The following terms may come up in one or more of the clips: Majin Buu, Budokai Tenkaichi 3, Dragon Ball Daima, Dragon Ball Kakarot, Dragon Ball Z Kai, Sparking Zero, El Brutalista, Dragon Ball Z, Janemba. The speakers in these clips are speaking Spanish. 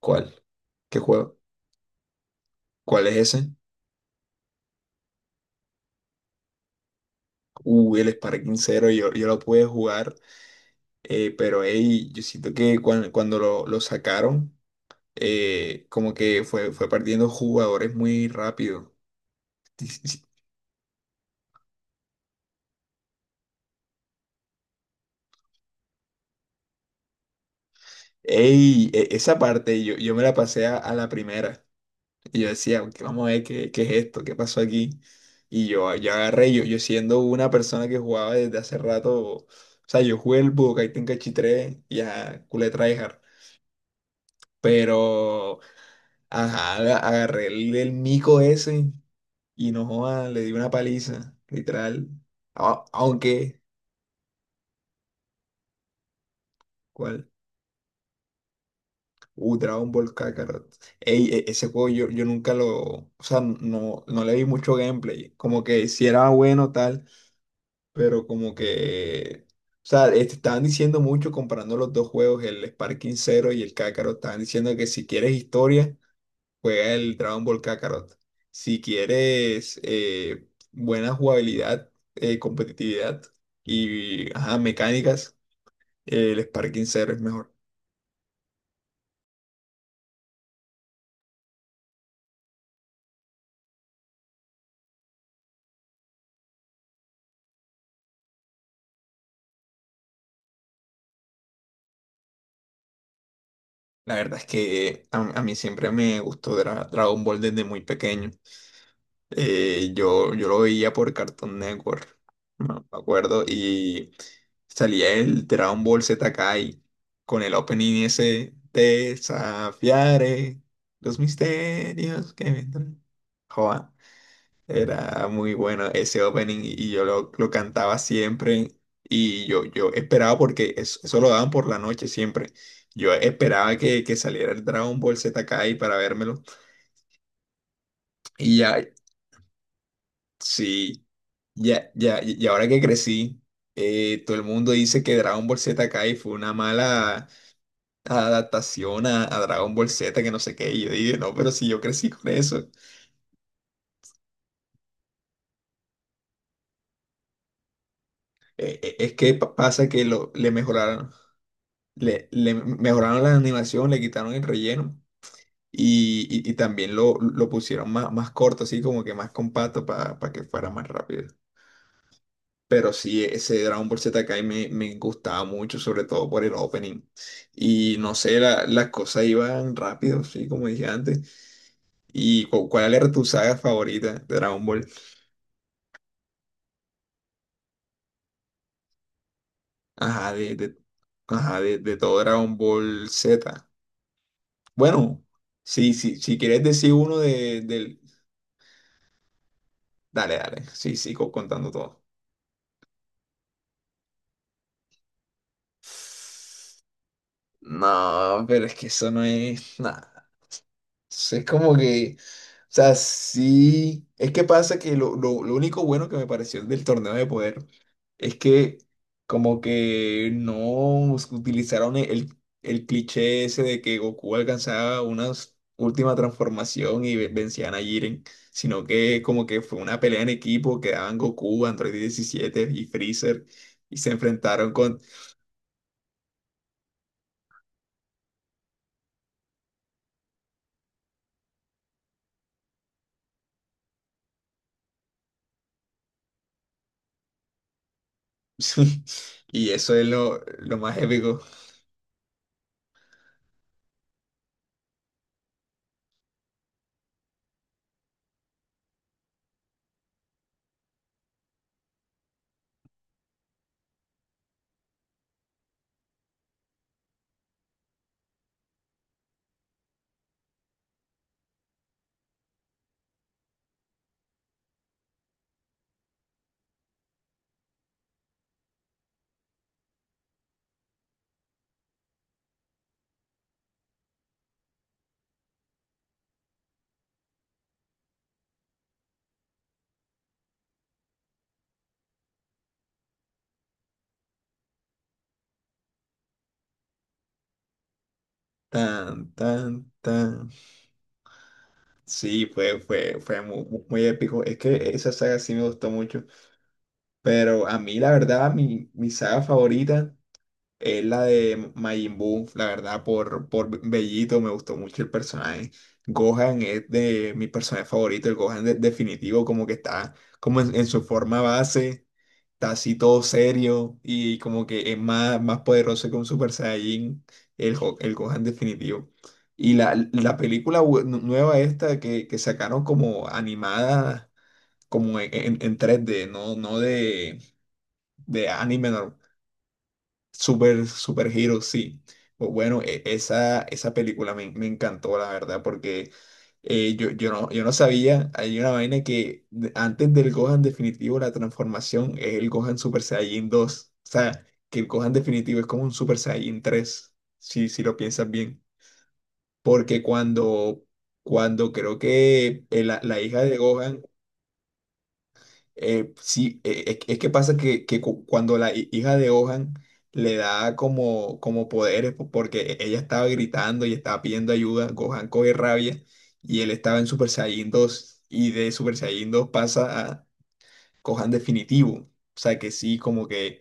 ¿Cuál? ¿Qué juego? ¿Cuál es ese? El Sparking Zero, yo lo pude jugar, pero ey, yo siento que cuando lo sacaron, como que fue perdiendo jugadores muy rápido. Sí, sí, sí. Ey, esa parte yo me la pasé a la primera y yo decía: "Ok, vamos a ver qué es esto, qué pasó aquí." Yo agarré, yo siendo una persona que jugaba desde hace rato, o sea, yo jugué el Budokai Tenkaichi 3 y a culé tryhard. Pero ajá, agarré el mico ese y no joda, le di una paliza, literal. Aunque, ¿cuál? Dragon Ball Kakarot. Ey, ese juego yo nunca lo. O sea, no, no le vi mucho gameplay. Como que si era bueno tal, pero como que. O sea, estaban diciendo mucho, comparando los dos juegos, el Sparking Zero y el Kakarot. Estaban diciendo que si quieres historia, juega el Dragon Ball Kakarot. Si quieres buena jugabilidad, competitividad y ajá, mecánicas, el Sparking Zero es mejor. La verdad es que a mí siempre me gustó Dragon Ball desde muy pequeño. Yo lo veía por Cartoon Network, no me acuerdo, y salía el Dragon Ball Z Kai con el opening ese, desafiaré los misterios que vendrán. Joa, era muy bueno ese opening y yo lo cantaba siempre y yo esperaba porque eso lo daban por la noche siempre. Yo esperaba que saliera el Dragon Ball Z Kai para vérmelo y ya, sí. Ya, ya, y ahora que crecí, todo el mundo dice que Dragon Ball Z Kai fue una mala adaptación a Dragon Ball Z, que no sé qué. Y yo dije, no, pero si yo crecí con eso. Es que pasa que lo, le mejoraron, le mejoraron la animación, le quitaron el relleno y también lo pusieron más, más corto, así como que más compacto para que fuera más rápido. Pero sí, ese Dragon Ball Z Kai me gustaba mucho, sobre todo por el opening. Y no sé, las cosas iban rápido, sí, como dije antes. ¿Y cuál era tu saga favorita de Dragon Ball? Ajá, ajá, de todo Dragon Ball Z. Bueno, sí, sí, si quieres decir uno de, del... Dale, dale, sí, sigo contando todo. No, pero es que eso no es nada. Entonces, es como que, o sea, sí, es que pasa que lo, lo único bueno que me pareció del torneo de poder es que como que no utilizaron el el cliché ese de que Goku alcanzaba una última transformación y vencían a Jiren, sino que como que fue una pelea en equipo, quedaban Goku, Android 17 y Freezer y se enfrentaron con... Y eso es lo más épico. Tan, tan, tan. Sí, fue muy épico. Es que esa saga sí me gustó mucho. Pero a mí, la verdad, mi saga favorita es la de Majin Buu. La verdad, por Bellito me gustó mucho el personaje. Gohan es de mi personaje favorito, el Gohan definitivo, como que está como en su forma base está así todo serio y como que es más, más poderoso que un Super Saiyajin, el, el Gohan definitivo. Y la película nueva esta que sacaron como animada, como en, en 3D, no, no de, de anime. Super, super Hero, sí. Bueno, esa, esa película me encantó, la verdad, porque yo no, yo no sabía, hay una vaina que antes del Gohan definitivo, la transformación es el Gohan Super Saiyajin dos. O sea, que el Gohan definitivo es como un Super Saiyajin 3 si, si lo piensas bien. Porque cuando, cuando creo que la hija de Gohan sí, es que pasa que cuando la hija de Ohan le da como, como poderes, porque ella estaba gritando y estaba pidiendo ayuda, Gohan coge rabia y él estaba en Super Saiyan 2 y de Super Saiyan 2 pasa a Gohan definitivo. O sea que sí, como que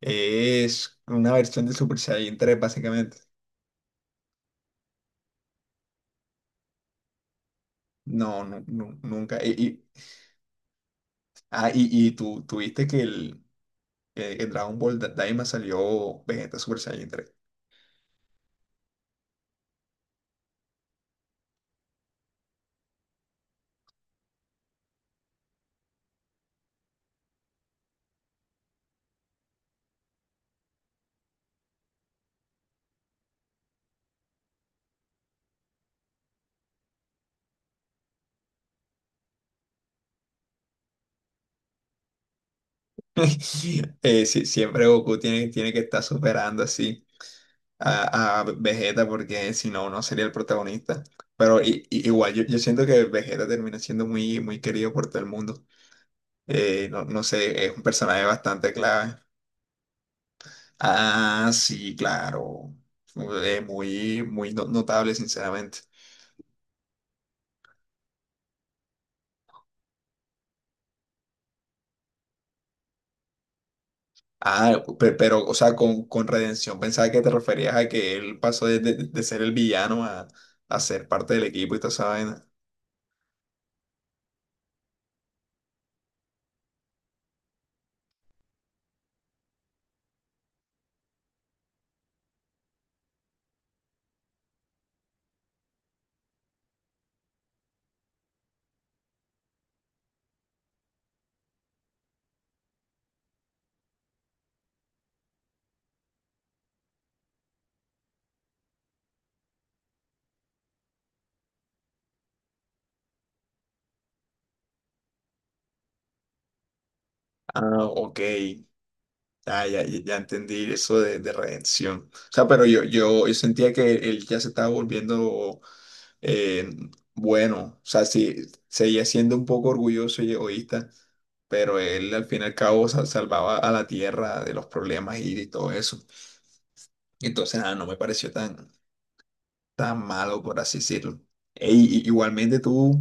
es una versión de Super Saiyan 3 básicamente. No, no, no, nunca. Ah, y tú, tuviste que el Dragon Ball Daima salió Vegeta Super Saiyan tres. Sí, siempre Goku tiene, tiene que estar superando así a Vegeta porque si no, no sería el protagonista. Pero igual, yo siento que Vegeta termina siendo muy, muy querido por todo el mundo. No, no sé, es un personaje bastante clave. Ah, sí, claro. Muy, muy notable, sinceramente. Ah, pero, o sea, con redención, pensaba que te referías a que él pasó de, de ser el villano a ser parte del equipo y toda esa vaina. Ah, ok. Ah, ya, ya ya entendí eso de redención. O sea, pero yo sentía que él ya se estaba volviendo eh, bueno. O sea, sí, seguía siendo un poco orgulloso y egoísta, pero él al fin y al cabo salvaba a la tierra de los problemas y todo eso. Entonces, nada, no me pareció tan, tan malo, por así decirlo. Ey, igualmente tú,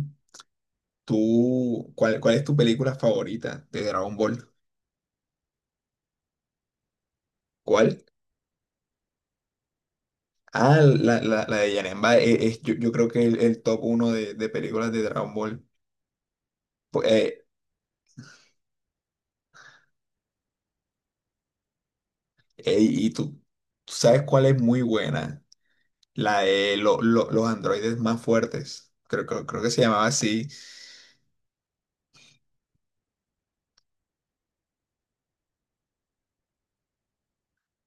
tú, cuál es tu película favorita de Dragon Ball? ¿Cuál? Ah, la de Janemba yo, yo creo que es el top uno de películas de Dragon Ball. Pu- eh, y tú sabes cuál es muy buena. La de los androides más fuertes. Creo que se llamaba así.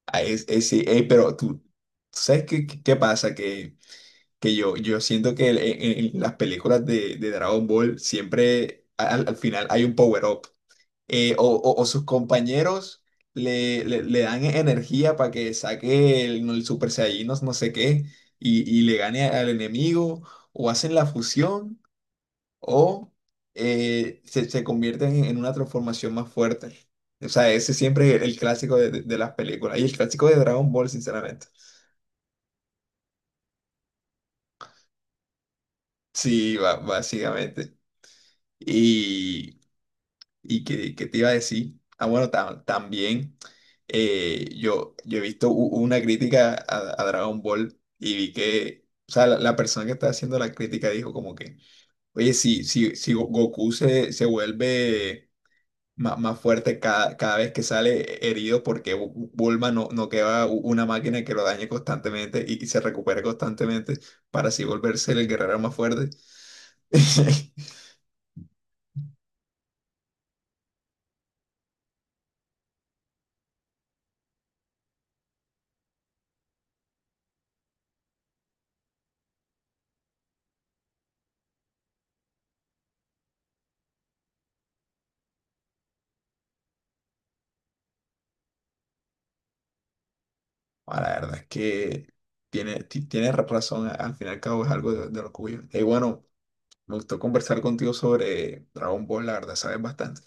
Ah, sí, pero tú, ¿sabes qué, qué pasa? Que yo siento que en las películas de Dragon Ball siempre al, al final hay un power up. O sus compañeros le, le dan energía para que saque el Super Saiyajin, no, no sé qué, y le gane al enemigo, o hacen la fusión, o se convierten en una transformación más fuerte. O sea, ese siempre es el clásico de, de las películas, y el clásico de Dragon Ball, sinceramente. Sí, básicamente. Y ¿Y qué, qué te iba a decir? Ah, bueno, también yo he visto una crítica a Dragon Ball y vi que, o sea, la persona que estaba haciendo la crítica dijo como que, oye, si Goku se vuelve más fuerte cada, cada vez que sale herido, ¿porque Bulma no, no queda una máquina que lo dañe constantemente y se recupere constantemente para así volverse el guerrero más fuerte? Ah, la verdad es que tiene, tienes razón, al fin y al cabo es algo de lo que huyo. Y bueno, me gustó conversar contigo sobre Dragon Ball, la verdad sabes bastante.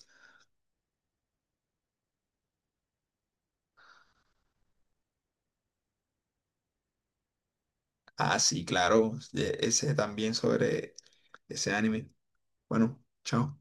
Ah, sí, claro, ese también sobre ese anime. Bueno, chao.